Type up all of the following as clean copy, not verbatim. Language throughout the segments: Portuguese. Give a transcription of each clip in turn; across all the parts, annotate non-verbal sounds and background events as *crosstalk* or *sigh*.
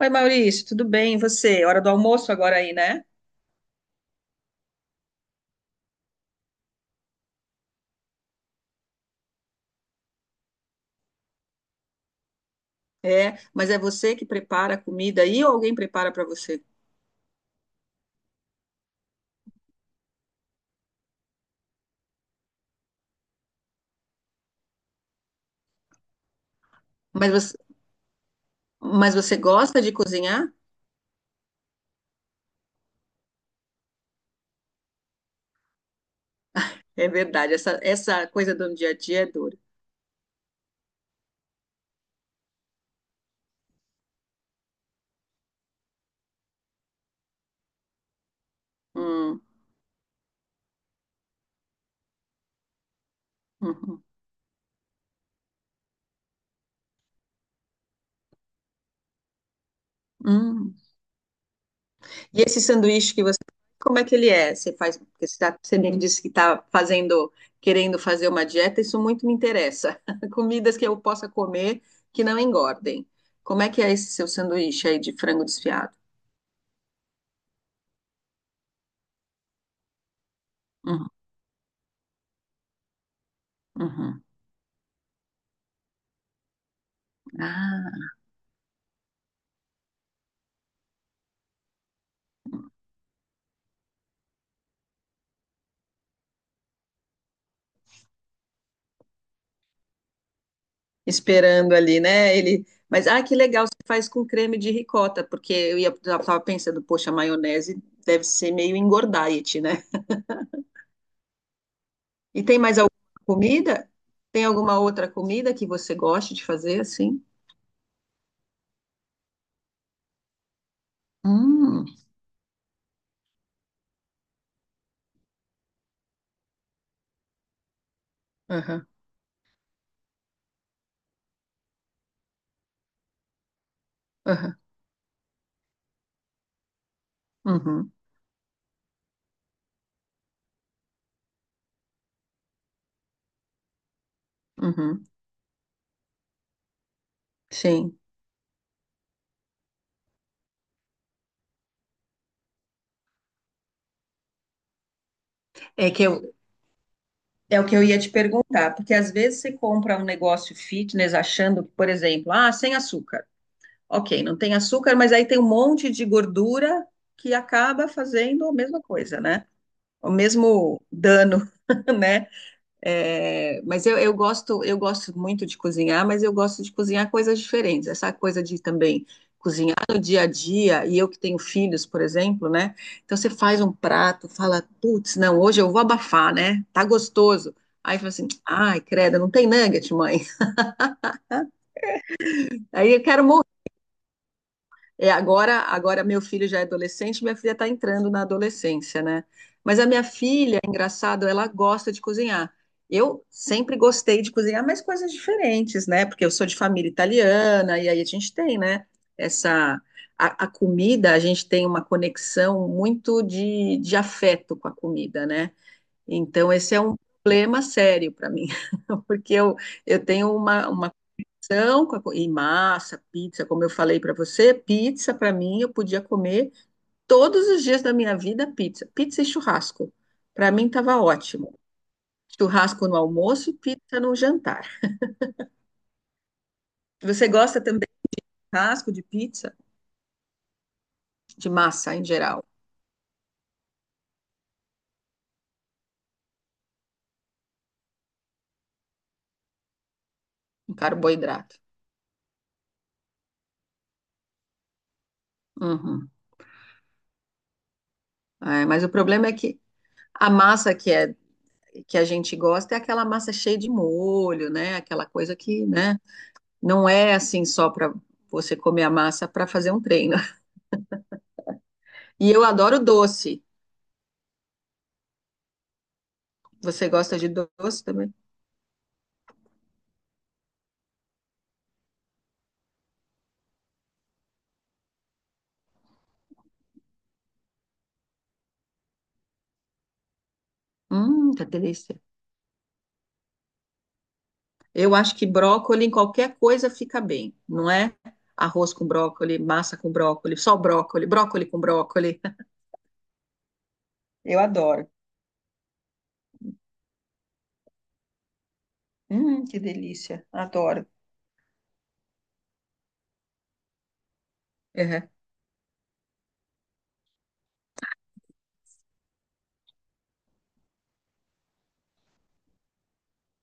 Oi, Maurício, tudo bem? E você? Hora do almoço agora aí, né? É, mas é você que prepara a comida aí ou alguém prepara para você? Mas você, mas você gosta de cozinhar? É verdade, essa coisa do dia a dia é dura. Hum, uhum, hum. E esse sanduíche que você, como é que ele é? Você faz, porque você me disse que está fazendo, querendo fazer uma dieta, isso muito me interessa. *laughs* Comidas que eu possa comer que não engordem. Como é que é esse seu sanduíche aí de frango desfiado? Uhum, uhum. Ah, esperando ali, né? Ele, que legal, você faz com creme de ricota, porque eu tava pensando, poxa, maionese deve ser meio engordaiete, né? E tem mais alguma comida? Tem alguma outra comida que você goste de fazer assim? Hum, aham, aham, uhum, uhum, sim. É que eu, é o que eu ia te perguntar, porque às vezes você compra um negócio fitness achando por exemplo, ah, sem açúcar. Ok, não tem açúcar, mas aí tem um monte de gordura que acaba fazendo a mesma coisa, né? O mesmo dano, *laughs* né? É, eu gosto muito de cozinhar, mas eu gosto de cozinhar coisas diferentes. Essa coisa de também cozinhar no dia a dia, e eu que tenho filhos, por exemplo, né? Então você faz um prato, fala, putz, não, hoje eu vou abafar, né? Tá gostoso. Aí fala assim, ai, credo, não tem nugget, mãe. *laughs* Aí eu quero morrer. É, agora meu filho já é adolescente, minha filha está entrando na adolescência, né? Mas a minha filha, engraçado, ela gosta de cozinhar. Eu sempre gostei de cozinhar, mas coisas diferentes, né? Porque eu sou de família italiana e aí a gente tem, né? Essa a comida, a gente tem uma conexão muito de afeto com a comida, né? Então esse é um problema sério para mim, *laughs* porque eu tenho uma são com a massa, pizza, como eu falei para você, pizza para mim eu podia comer todos os dias da minha vida pizza, pizza e churrasco. Para mim estava ótimo. Churrasco no almoço, pizza no jantar. Você gosta também de churrasco, de pizza, de massa em geral, de carboidrato. Uhum. É, mas o problema é que a massa que é a gente gosta é aquela massa cheia de molho, né? Aquela coisa que, né, não é assim só para você comer a massa para fazer um treino. E eu adoro doce. Você gosta de doce também? Que delícia. Eu acho que brócolis em qualquer coisa fica bem, não é? Arroz com brócolis, massa com brócolis, só brócolis, brócolis com brócolis. Eu adoro. Que delícia. Adoro. Uhum,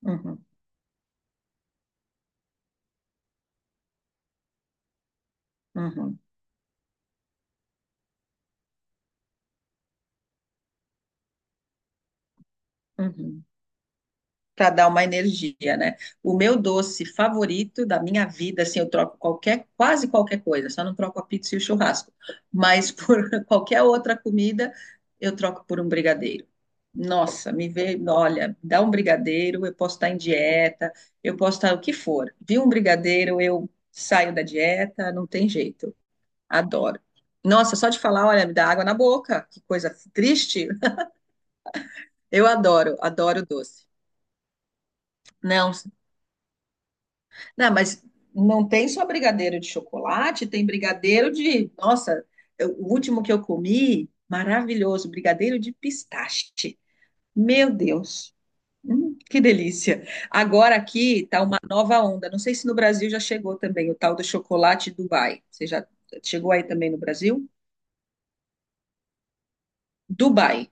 uhum, uhum, uhum. Para dar uma energia, né? O meu doce favorito da minha vida, assim, eu troco qualquer, quase qualquer coisa, só não troco a pizza e o churrasco, mas por *laughs* qualquer outra comida, eu troco por um brigadeiro. Nossa, me vê, olha, dá um brigadeiro, eu posso estar em dieta, eu posso estar o que for. Vi um brigadeiro, eu saio da dieta, não tem jeito. Adoro. Nossa, só de falar, olha, me dá água na boca, que coisa triste. *laughs* Eu adoro, adoro doce. Não, Não, mas não tem só brigadeiro de chocolate, tem brigadeiro de. Nossa, o último que eu comi, maravilhoso, brigadeiro de pistache. Meu Deus, que delícia! Agora aqui tá uma nova onda. Não sei se no Brasil já chegou também o tal do chocolate Dubai. Você já chegou aí também no Brasil? Dubai,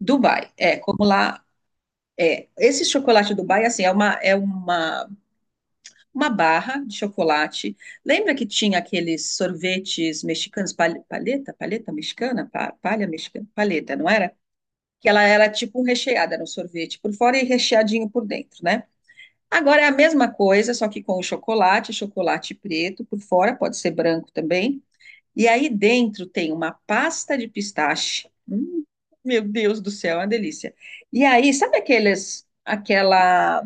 Dubai. É, como lá é. Esse chocolate Dubai, assim, é uma barra de chocolate. Lembra que tinha aqueles sorvetes mexicanos, paleta, paleta mexicana, palha mexicana, paleta, não era? Que ela era tipo um recheada era um sorvete por fora e recheadinho por dentro, né? Agora é a mesma coisa, só que com o chocolate, chocolate preto por fora, pode ser branco também. E aí dentro tem uma pasta de pistache. Meu Deus do céu, é uma delícia. E aí, sabe aqueles, aquela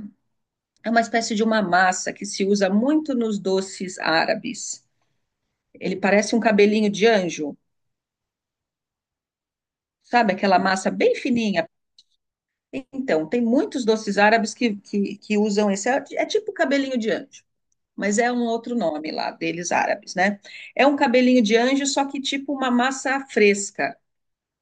é uma espécie de uma massa que se usa muito nos doces árabes. Ele parece um cabelinho de anjo, sabe? Aquela massa bem fininha. Então, tem muitos doces árabes que usam esse. É é tipo cabelinho de anjo, mas é um outro nome lá deles árabes, né? É um cabelinho de anjo, só que tipo uma massa fresca,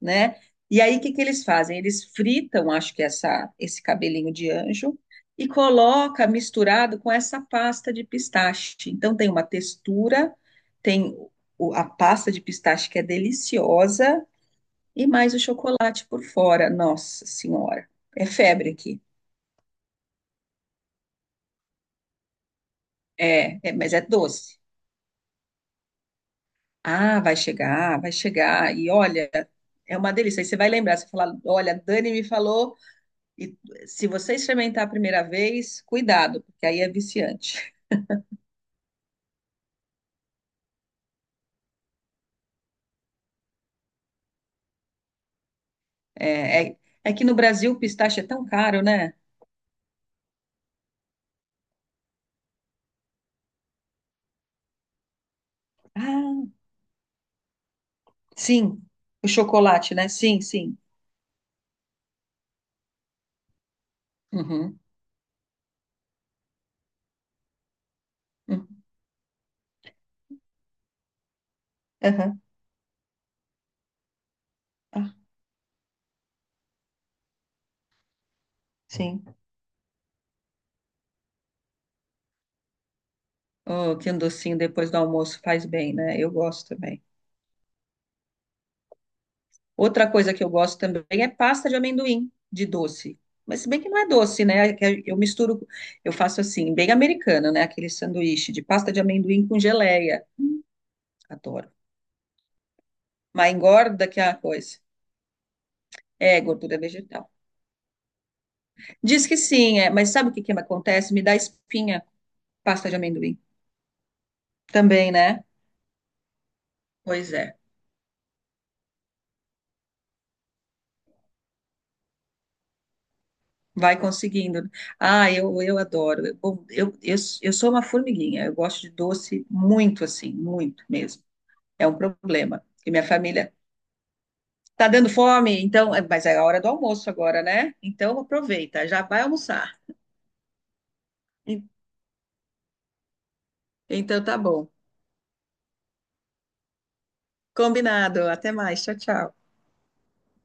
né? E aí, o que que eles fazem? Eles fritam, acho que esse cabelinho de anjo, e coloca misturado com essa pasta de pistache. Então, tem uma textura, tem a pasta de pistache que é deliciosa, e mais o chocolate por fora. Nossa Senhora, é febre aqui. Mas é doce. Ah, vai chegar, vai chegar. E olha, é uma delícia. Aí você vai lembrar, você fala, olha, a Dani me falou E se você experimentar a primeira vez, cuidado, porque aí é viciante. É, é, é que no Brasil o pistache é tão caro, né? Ah, sim. O chocolate, né? Sim, sim. Uhum. Uhum. Aham. Ah, sim. Oh, que um docinho depois do almoço faz bem, né? Eu gosto também. Outra coisa que eu gosto também é pasta de amendoim, de doce. Mas se bem que não é doce, né? É que eu faço assim, bem americano, né? Aquele sanduíche de pasta de amendoim com geleia. Adoro. Mas engorda que é uma coisa. É gordura vegetal. Diz que sim, é, mas sabe o que que acontece? Me dá espinha, pasta de amendoim. Também, né? Pois é. Vai conseguindo. Ah, eu adoro. Bom, eu sou uma formiguinha. Eu gosto de doce muito assim, muito mesmo. É um problema. E minha família tá dando fome, então, é, mas é a hora do almoço agora, né? Então aproveita, já vai almoçar. E- Então tá bom. Combinado. Até mais. Tchau, tchau.